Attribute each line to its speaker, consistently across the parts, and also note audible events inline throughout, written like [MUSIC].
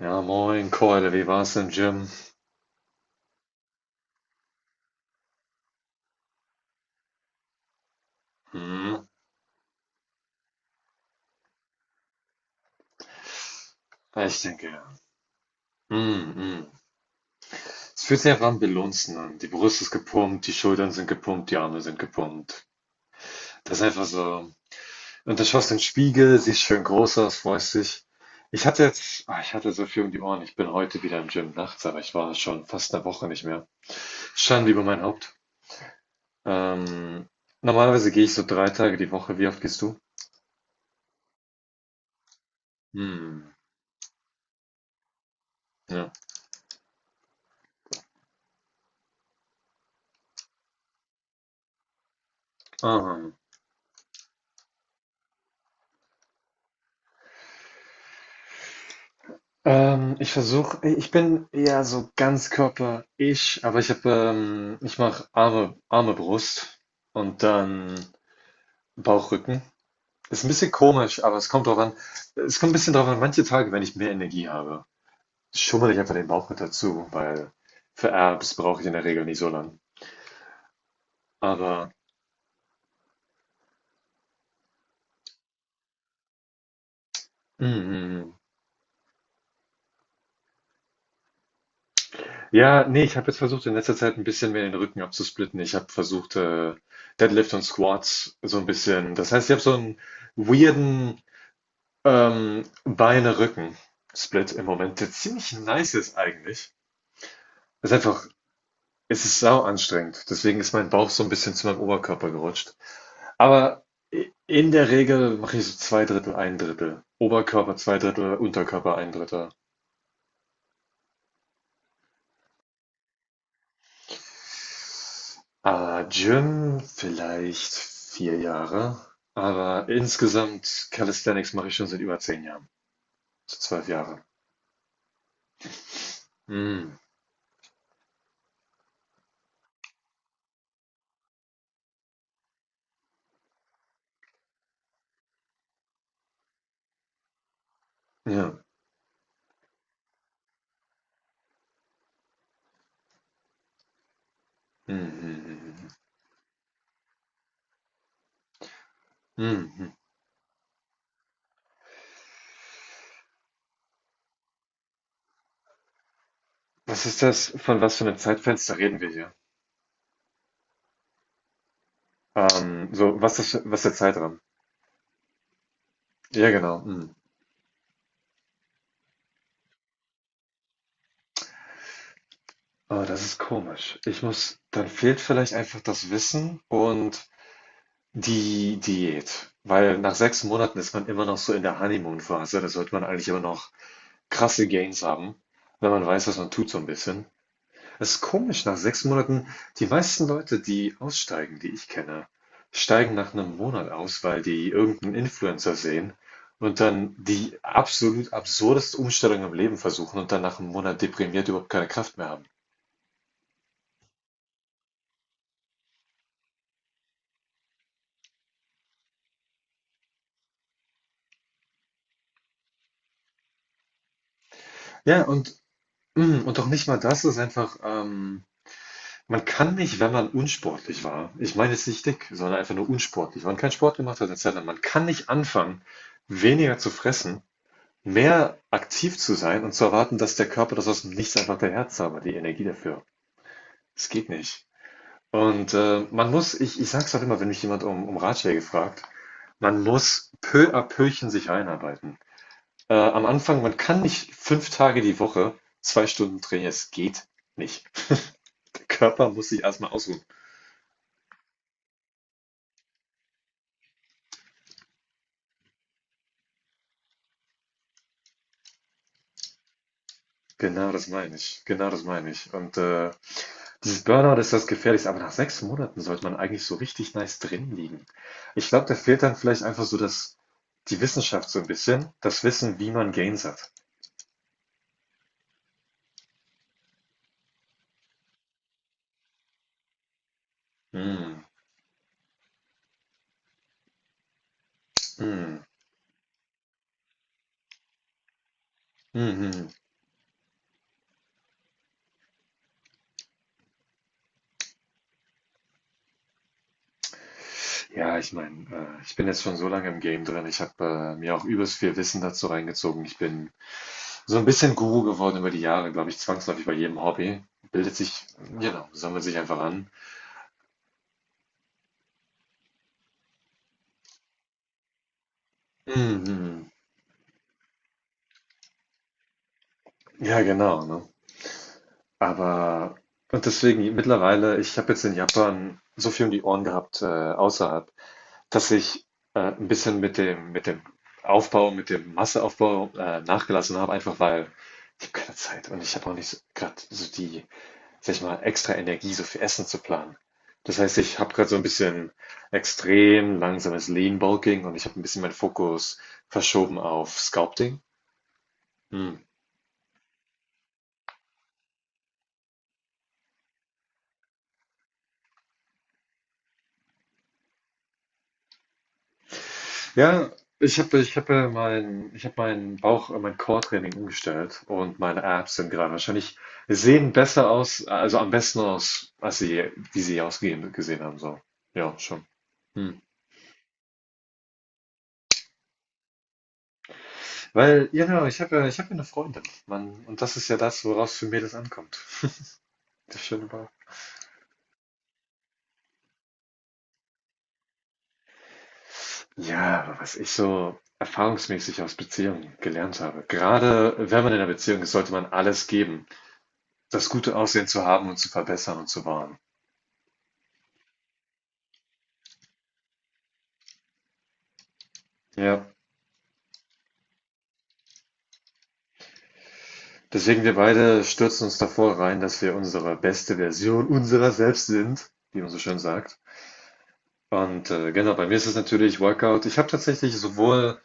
Speaker 1: Ja, moin Keule, wie war's im Gym? Hm, ich denke, ja. Hm, hm. Es fühlt sich einfach am Belunzen an. Die Brust ist gepumpt, die Schultern sind gepumpt, die Arme sind gepumpt. Das ist einfach so. Und dann schaust du in den Spiegel, siehst schön groß aus, freust dich. Ich hatte so viel um die Ohren. Ich bin heute wieder im Gym nachts, aber ich war schon fast eine Woche nicht mehr. Schande über mein Haupt. Ähm, Normalerweise gehe ich so 3 Tage die Woche. Wie oft gehst du? Hm, ja. Ah. Ich bin eher so Ganzkörper-ich, aber ich habe, ich mache Arme, Brust und dann Bauch, Rücken. Ist ein bisschen komisch, aber es kommt drauf an. Es kommt ein bisschen drauf an, manche Tage, wenn ich mehr Energie habe, schummel ich einfach den Bauch mit dazu, weil für Abs brauche ich in der Regel nicht so lang. Aber, mm, mm. Ja, nee, ich habe jetzt versucht, in letzter Zeit ein bisschen mehr den Rücken abzusplitten. Ich habe versucht, Deadlift und Squats so ein bisschen. Das heißt, ich habe so einen weirden, Beine, Rücken, Split im Moment, der ziemlich nice ist eigentlich. Es Ist einfach, es ist sau anstrengend. Deswegen ist mein Bauch so ein bisschen zu meinem Oberkörper gerutscht. Aber in der Regel mache ich so zwei Drittel, ein Drittel. Oberkörper zwei Drittel, Unterkörper ein Drittel. Ah, Gym vielleicht 4 Jahre. Aber insgesamt Calisthenics mache ich schon seit über 10 Jahren. So 12 Jahre. Mm, ja. Mm, mm, mm, mm, mm, mm. Was ist das? Von was für einem Zeitfenster reden wir hier? So, was ist der Zeitraum? Ja, genau. Hm. Oh, das ist komisch. Ich muss, dann fehlt vielleicht einfach das Wissen und die Diät. Weil nach 6 Monaten ist man immer noch so in der Honeymoon-Phase. Da sollte man eigentlich immer noch krasse Gains haben, wenn man weiß, was man tut, so ein bisschen. Es ist komisch, nach 6 Monaten die meisten Leute, die aussteigen, die ich kenne, steigen nach einem Monat aus, weil die irgendeinen Influencer sehen und dann die absolut absurdeste Umstellung im Leben versuchen und dann nach einem Monat deprimiert überhaupt keine Kraft mehr haben. Ja, und auch nicht mal das ist einfach, man kann nicht, wenn man unsportlich war, ich meine jetzt nicht dick, sondern einfach nur unsportlich, wenn man keinen Sport gemacht hat 'ne Zeit, man kann nicht anfangen, weniger zu fressen, mehr aktiv zu sein und zu erwarten, dass der Körper das aus dem Nichts einfach daher zaubert, die Energie dafür. Es geht nicht. Und man muss, ich sag's auch immer, wenn mich jemand um Ratschläge fragt, man muss peu à peuchen sich einarbeiten. Am Anfang, man kann nicht 5 Tage die Woche 2 Stunden trainieren, es geht nicht. [LAUGHS] Der Körper muss sich erstmal ausruhen. Genau das meine ich. Genau das meine ich. Und dieses Burnout ist das Gefährlichste, aber nach 6 Monaten sollte man eigentlich so richtig nice drin liegen. Ich glaube, da fehlt dann vielleicht einfach so die Wissenschaft so ein bisschen, das Wissen, wie man Gains hat. Mm, mm, mhm. Ja, ich meine, ich bin jetzt schon so lange im Game drin. Ich habe mir auch übelst viel Wissen dazu reingezogen. Ich bin so ein bisschen Guru geworden über die Jahre, glaube ich, zwangsläufig bei jedem Hobby. Bildet sich, genau, sammelt sich einfach an. Mhm. Ja, genau, ne? Aber deswegen mittlerweile, ich habe jetzt in Japan so viel um die Ohren gehabt, außerhalb, dass ich ein bisschen mit dem, Aufbau, mit dem Masseaufbau nachgelassen habe, einfach weil ich habe keine Zeit und ich habe auch nicht gerade so die, sag ich mal, extra Energie, so viel Essen zu planen. Das heißt, ich habe gerade so ein bisschen extrem langsames Lean Bulking und ich habe ein bisschen meinen Fokus verschoben auf Sculpting. Hm. Ja, ich hab mein, ich hab meinen Bauch, mein Core-Training umgestellt und meine Abs sind gerade wahrscheinlich, sehen besser aus, also am besten aus, als sie, wie sie ausgehen gesehen haben. So. Ja, schon. Hm. Weil, ja genau, ich hab ja eine Freundin, Mann, und das ist ja das, woraus für Mädels ankommt. [LAUGHS] Das Schöne war. Ja, aber was ich so erfahrungsmäßig aus Beziehungen gelernt habe. Gerade wenn man in einer Beziehung ist, sollte man alles geben, das gute Aussehen zu haben und zu verbessern und zu wahren. Ja. Deswegen wir beide stürzen uns davor rein, dass wir unsere beste Version unserer selbst sind, wie man so schön sagt. Und genau, bei mir ist es natürlich Workout. Ich habe tatsächlich sowohl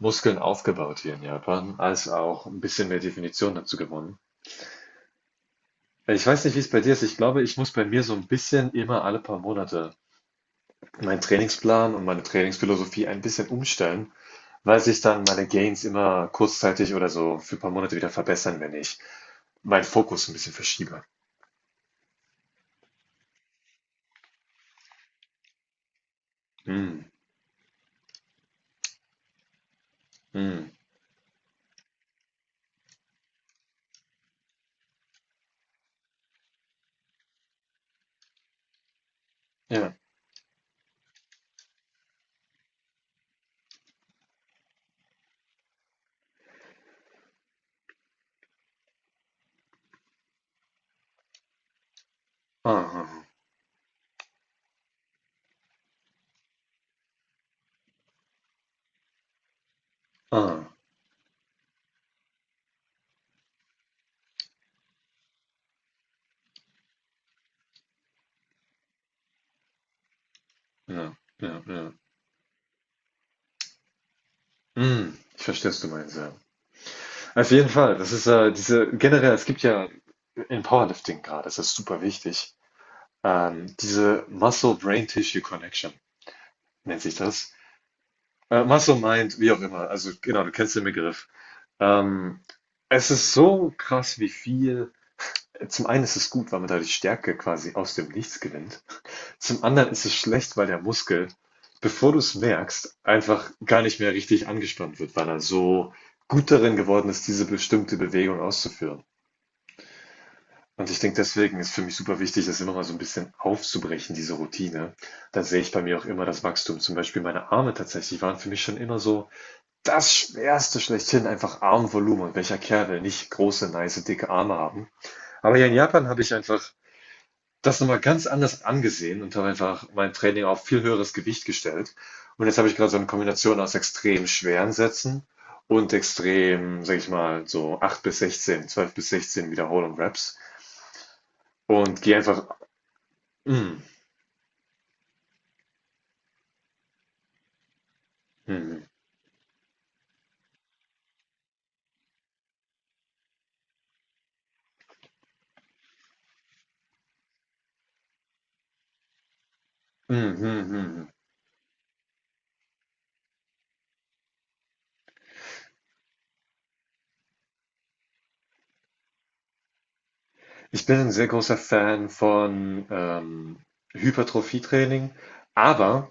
Speaker 1: Muskeln aufgebaut hier in Japan, als auch ein bisschen mehr Definition dazu gewonnen. Ich weiß nicht, wie es bei dir ist. Ich glaube, ich muss bei mir so ein bisschen immer alle paar Monate meinen Trainingsplan und meine Trainingsphilosophie ein bisschen umstellen, weil sich dann meine Gains immer kurzzeitig oder so für ein paar Monate wieder verbessern, wenn ich meinen Fokus ein bisschen verschiebe. Mm, mm. Ja. Ah, ah, ah. Ah, ja, ja, ja. Hm, ich verstehe, was du meinst, ja. Auf jeden Fall, das ist generell, es gibt ja im Powerlifting gerade, das ist super wichtig, diese Muscle-Brain-Tissue-Connection nennt sich das. Muscle-Mind, wie auch immer, also genau, du kennst den Begriff. Ähm, Es ist so krass, wie viel, zum einen ist es gut, weil man dadurch Stärke quasi aus dem Nichts gewinnt. Zum anderen ist es schlecht, weil der Muskel, bevor du es merkst, einfach gar nicht mehr richtig angespannt wird, weil er so gut darin geworden ist, diese bestimmte Bewegung auszuführen. Und ich denke, deswegen ist für mich super wichtig, das immer mal so ein bisschen aufzubrechen, diese Routine. Da sehe ich bei mir auch immer das Wachstum. Zum Beispiel meine Arme tatsächlich waren für mich schon immer so das Schwerste schlechthin, einfach Armvolumen. Und welcher Kerl will nicht große, nice, dicke Arme haben? Aber hier in Japan habe ich einfach das noch mal ganz anders angesehen und habe einfach mein Training auf viel höheres Gewicht gestellt. Und jetzt habe ich gerade so eine Kombination aus extrem schweren Sätzen und extrem, sag ich mal, so 8 bis 16, 12 bis 16 Wiederholung Reps und gehe einfach. Mm, mm, mm, mm, mm. Mm. Ich bin ein sehr großer Fan von Hypertrophie-Training, aber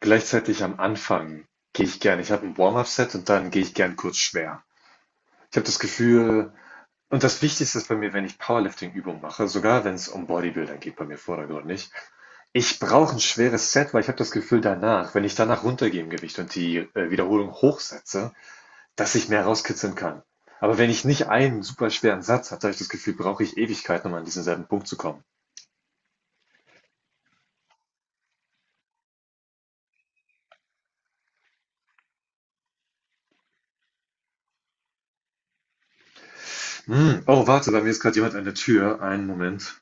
Speaker 1: gleichzeitig am Anfang gehe ich gern. Ich habe ein Warm-up-Set und dann gehe ich gern kurz schwer. Ich habe das Gefühl. Und das Wichtigste ist bei mir, wenn ich Powerlifting-Übungen mache, sogar wenn es um Bodybuilding geht, bei mir vordergründig, ich brauche ein schweres Set, weil ich habe das Gefühl danach, wenn ich danach runtergehe im Gewicht und die Wiederholung hochsetze, dass ich mehr rauskitzeln kann. Aber wenn ich nicht einen super schweren Satz habe, habe ich das Gefühl, brauche ich Ewigkeiten, um an diesen selben Punkt zu kommen. Hm. Oh, warte, bei mir ist gerade jemand an der Tür. Einen Moment.